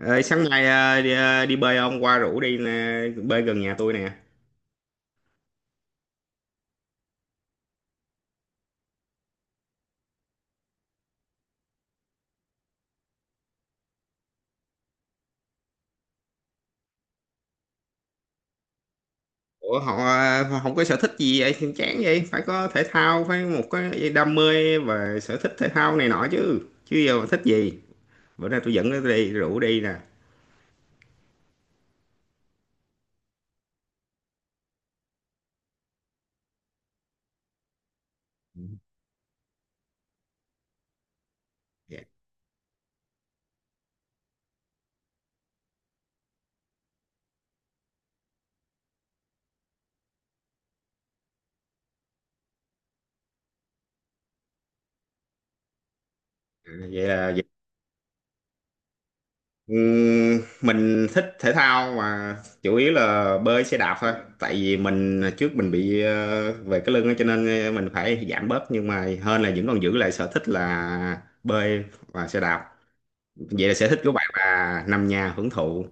Ờ, Sáng nay đi bơi ông qua rủ đi nè, bơi gần nhà tôi nè. Ủa, họ không có sở thích gì vậy thì chán vậy, phải có thể thao, phải một cái đam mê và sở thích thể thao này nọ chứ. Chứ giờ mà thích gì. Bữa nay tôi dẫn nó đi rủ đi nè. Ừ. Dạ. Vậy là vậy. Mình thích thể thao mà chủ yếu là bơi xe đạp thôi. Tại vì mình trước mình bị về cái lưng á, cho nên mình phải giảm bớt, nhưng mà hơn là vẫn còn giữ lại sở thích là bơi và xe đạp. Vậy là sở thích của bạn là nằm nhà hưởng thụ.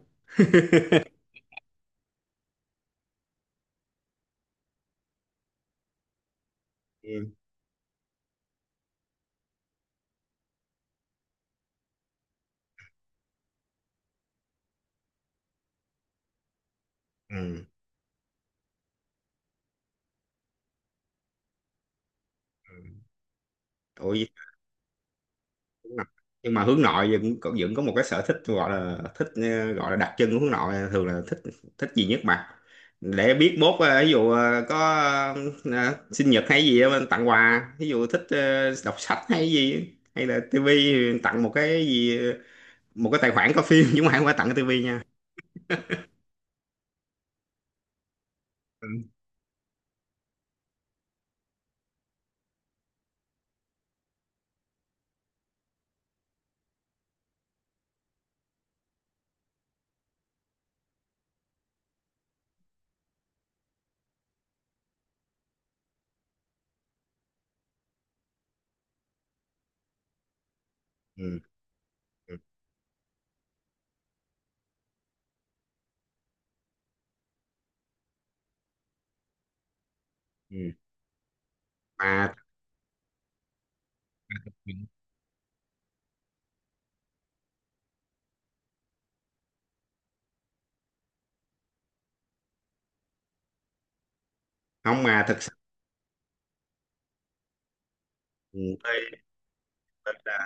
Ừ. Ừ. Ừ. Ủa, nhưng mà hướng nội vẫn cũng vẫn có một cái sở thích, gọi là thích, gọi là đặc trưng của hướng nội thường là thích thích gì nhất mà, để biết mốt ví dụ có sinh nhật hay gì á, mình tặng quà, ví dụ thích đọc sách hay gì, hay là tivi, tặng một cái gì, một cái tài khoản có phim, chứ không phải tặng cái tivi nha. Ừ. Ừ. Ừ. Ừ. mà Không mà thật sự, ừ. Thật ra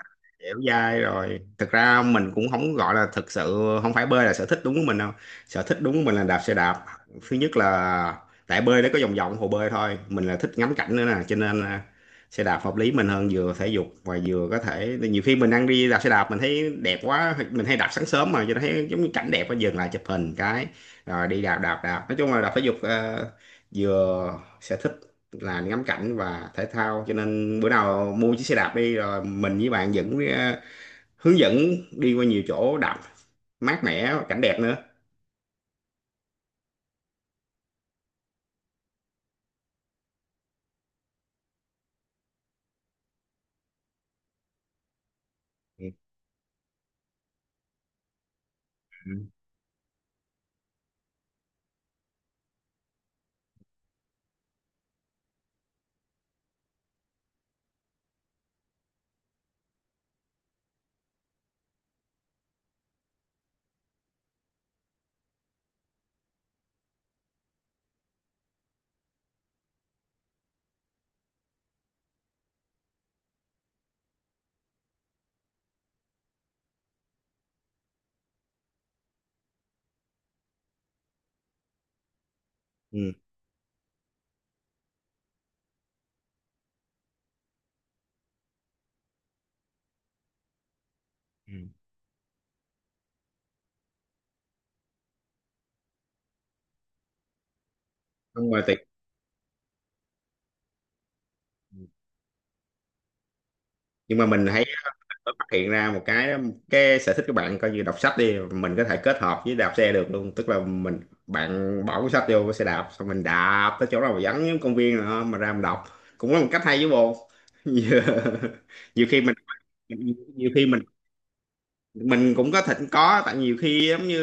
dẻo dai rồi, thực ra mình cũng không gọi là, thực sự không phải bơi là sở thích đúng của mình đâu. Sở thích đúng của mình là đạp xe đạp. Thứ nhất là tại bơi nó có vòng vòng hồ bơi thôi, mình là thích ngắm cảnh nữa nè, cho nên là xe đạp hợp lý mình hơn, vừa thể dục và vừa có thể nhiều khi mình đang đi đạp xe đạp mình thấy đẹp quá, mình hay đạp sáng sớm mà, cho nên thấy giống như cảnh đẹp quá dừng lại chụp hình cái rồi đi đạp đạp đạp, nói chung là đạp thể dục, vừa sở thích là ngắm cảnh và thể thao, cho nên bữa nào mua chiếc xe đạp đi rồi mình với bạn hướng dẫn đi qua nhiều chỗ đạp mát mẻ cảnh đẹp nữa. Ừ. Ừ. Ừ. Không mà tuyệt, nhưng mà mình thấy có phát hiện ra một cái sở thích của bạn coi như đọc sách đi, mình có thể kết hợp với đạp xe được luôn, tức là mình, bạn bỏ cuốn sách vô cái xe đạp xong mình đạp tới chỗ nào mà vắng giống công viên nữa mà ra mình đọc, cũng là một cách hay với bồ. nhiều, nhiều khi mình nhiều khi mình cũng có thỉnh có, tại nhiều khi giống như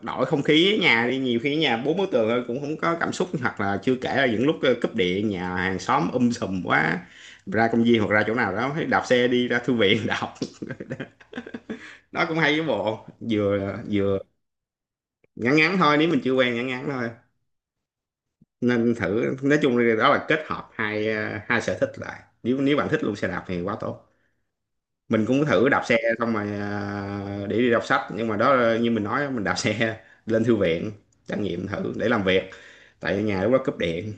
đổi không khí ở nhà, đi nhiều khi ở nhà bốn bức tường thôi cũng không có cảm xúc, hoặc là chưa kể là những lúc cúp điện nhà hàng xóm sùm quá, ra công viên hoặc ra chỗ nào đó thấy đạp xe đi ra thư viện đọc, đó cũng hay với bộ, vừa vừa ngắn ngắn thôi, nếu mình chưa quen ngắn ngắn thôi nên thử, nói chung là đó là kết hợp hai, hai sở thích lại, nếu nếu bạn thích luôn xe đạp thì quá tốt. Mình cũng thử đạp xe xong rồi, để đi đọc sách, nhưng mà đó như mình nói mình đạp xe lên thư viện trải nghiệm thử để làm việc, tại ở nhà lúc đó cúp điện.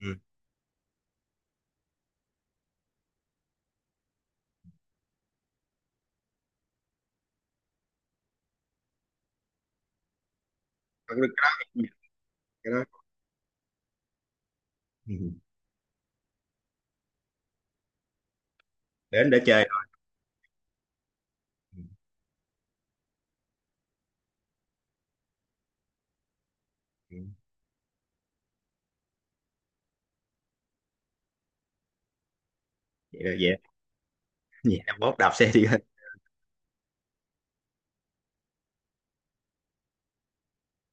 Ừ. Cái đó, cái đó. Ừ. Đến để chơi thôi. Ừ. Ừ. Vậy là vậy. Vậy là mốt đạp xe đi thôi.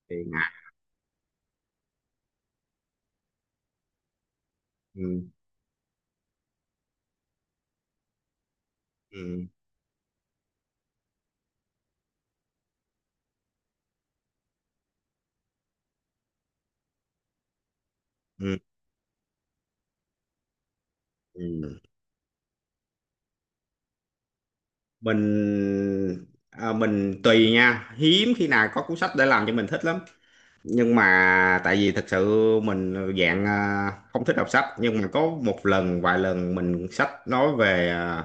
Thì ngại. Ừ. Ừ. Ừ. Ừ. mình tùy nha, hiếm khi nào có cuốn sách để làm cho mình thích lắm, nhưng mà tại vì thật sự mình dạng không thích đọc sách, nhưng mà có một lần vài lần mình sách nói về,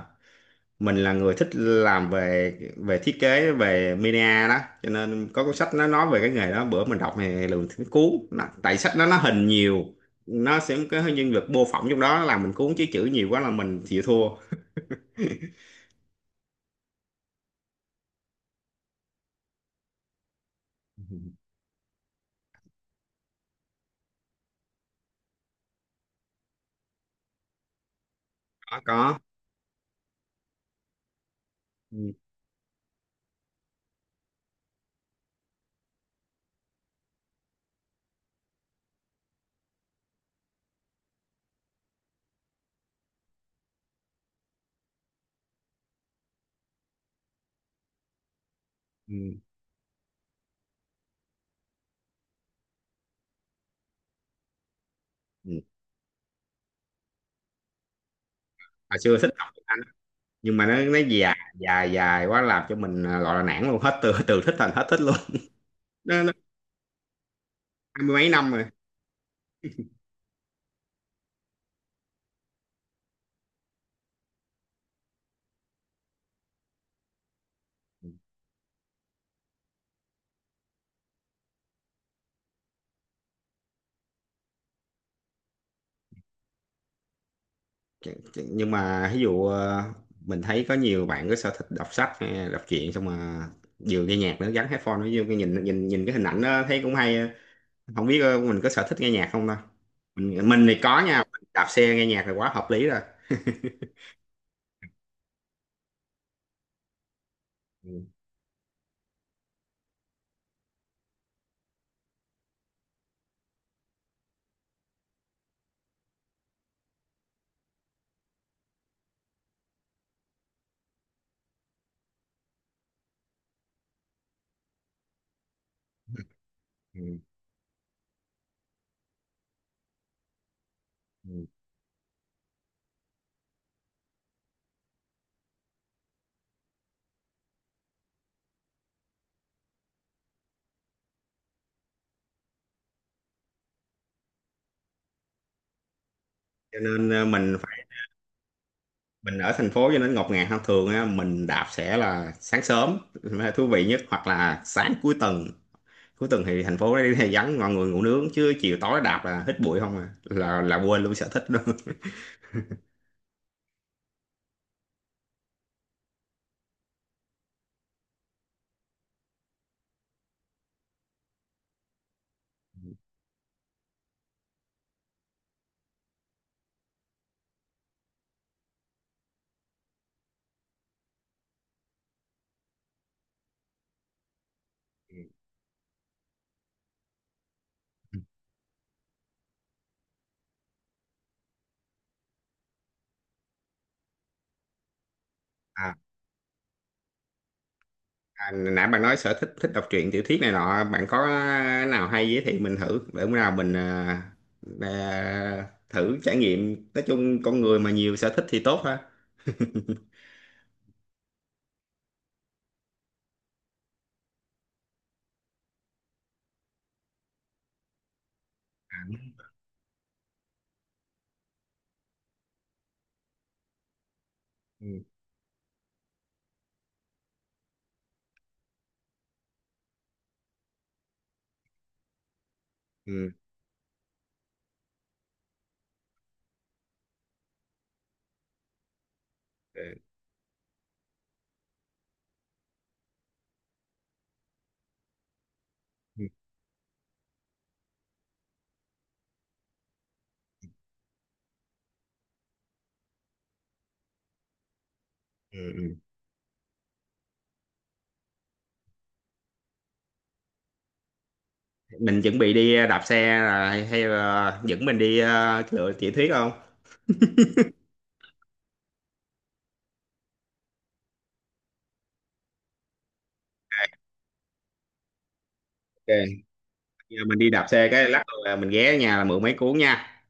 mình là người thích làm về về thiết kế về media đó, cho nên có cuốn sách nó nói về cái nghề đó, bữa mình đọc thì lường thấy cuốn nó, tại sách đó nó hình nhiều, nó sẽ có cái nhân vật mô phỏng trong đó làm mình cuốn, chứ chữ nhiều quá là mình chịu thua. Có, có. Ừ. Ừ. Ừ. Hồi xưa thích đọc tiếng Anh, nhưng mà nó dài dài dài quá làm cho mình, gọi là nản luôn, hết từ từ thích thành hết thích luôn. Nó hai mươi mấy năm rồi. Nhưng mà ví dụ mình thấy có nhiều bạn có sở thích đọc sách hay là đọc truyện, xong mà vừa nghe nhạc nữa gắn headphone nó vô cái nhìn nhìn nhìn cái hình ảnh đó thấy cũng hay. Không biết mình có sở thích nghe nhạc không đâu. Mình thì có nha, đạp xe nghe nhạc là quá hợp lý rồi. Ừ. Ừ. Ừ. Cho nên mình phải, mình ở thành phố cho nên ngột ngạt hơn thường á, mình đạp sẽ là sáng sớm là thú vị nhất, hoặc là sáng cuối tuần. Cuối tuần thì thành phố đây thì vắng, mọi người ngủ nướng, chứ chiều tối đạp là hít bụi không à, là quên luôn sở thích luôn. à, Nãy bạn nói sở thích thích đọc truyện tiểu thuyết này nọ, bạn có nào hay giới thiệu mình thử để bữa nào mình, thử trải nghiệm, nói chung con người mà nhiều sở thích thì tốt ha. ừ. Ừ. Ừ. Ừ. Ừ. Ừ. Mình chuẩn bị đi đạp xe, là hay là dẫn mình đi lựa tiểu thuyết không? Ok. Giờ mình đi đạp xe cái lát là mình ghé ở nhà là mượn mấy cuốn nha.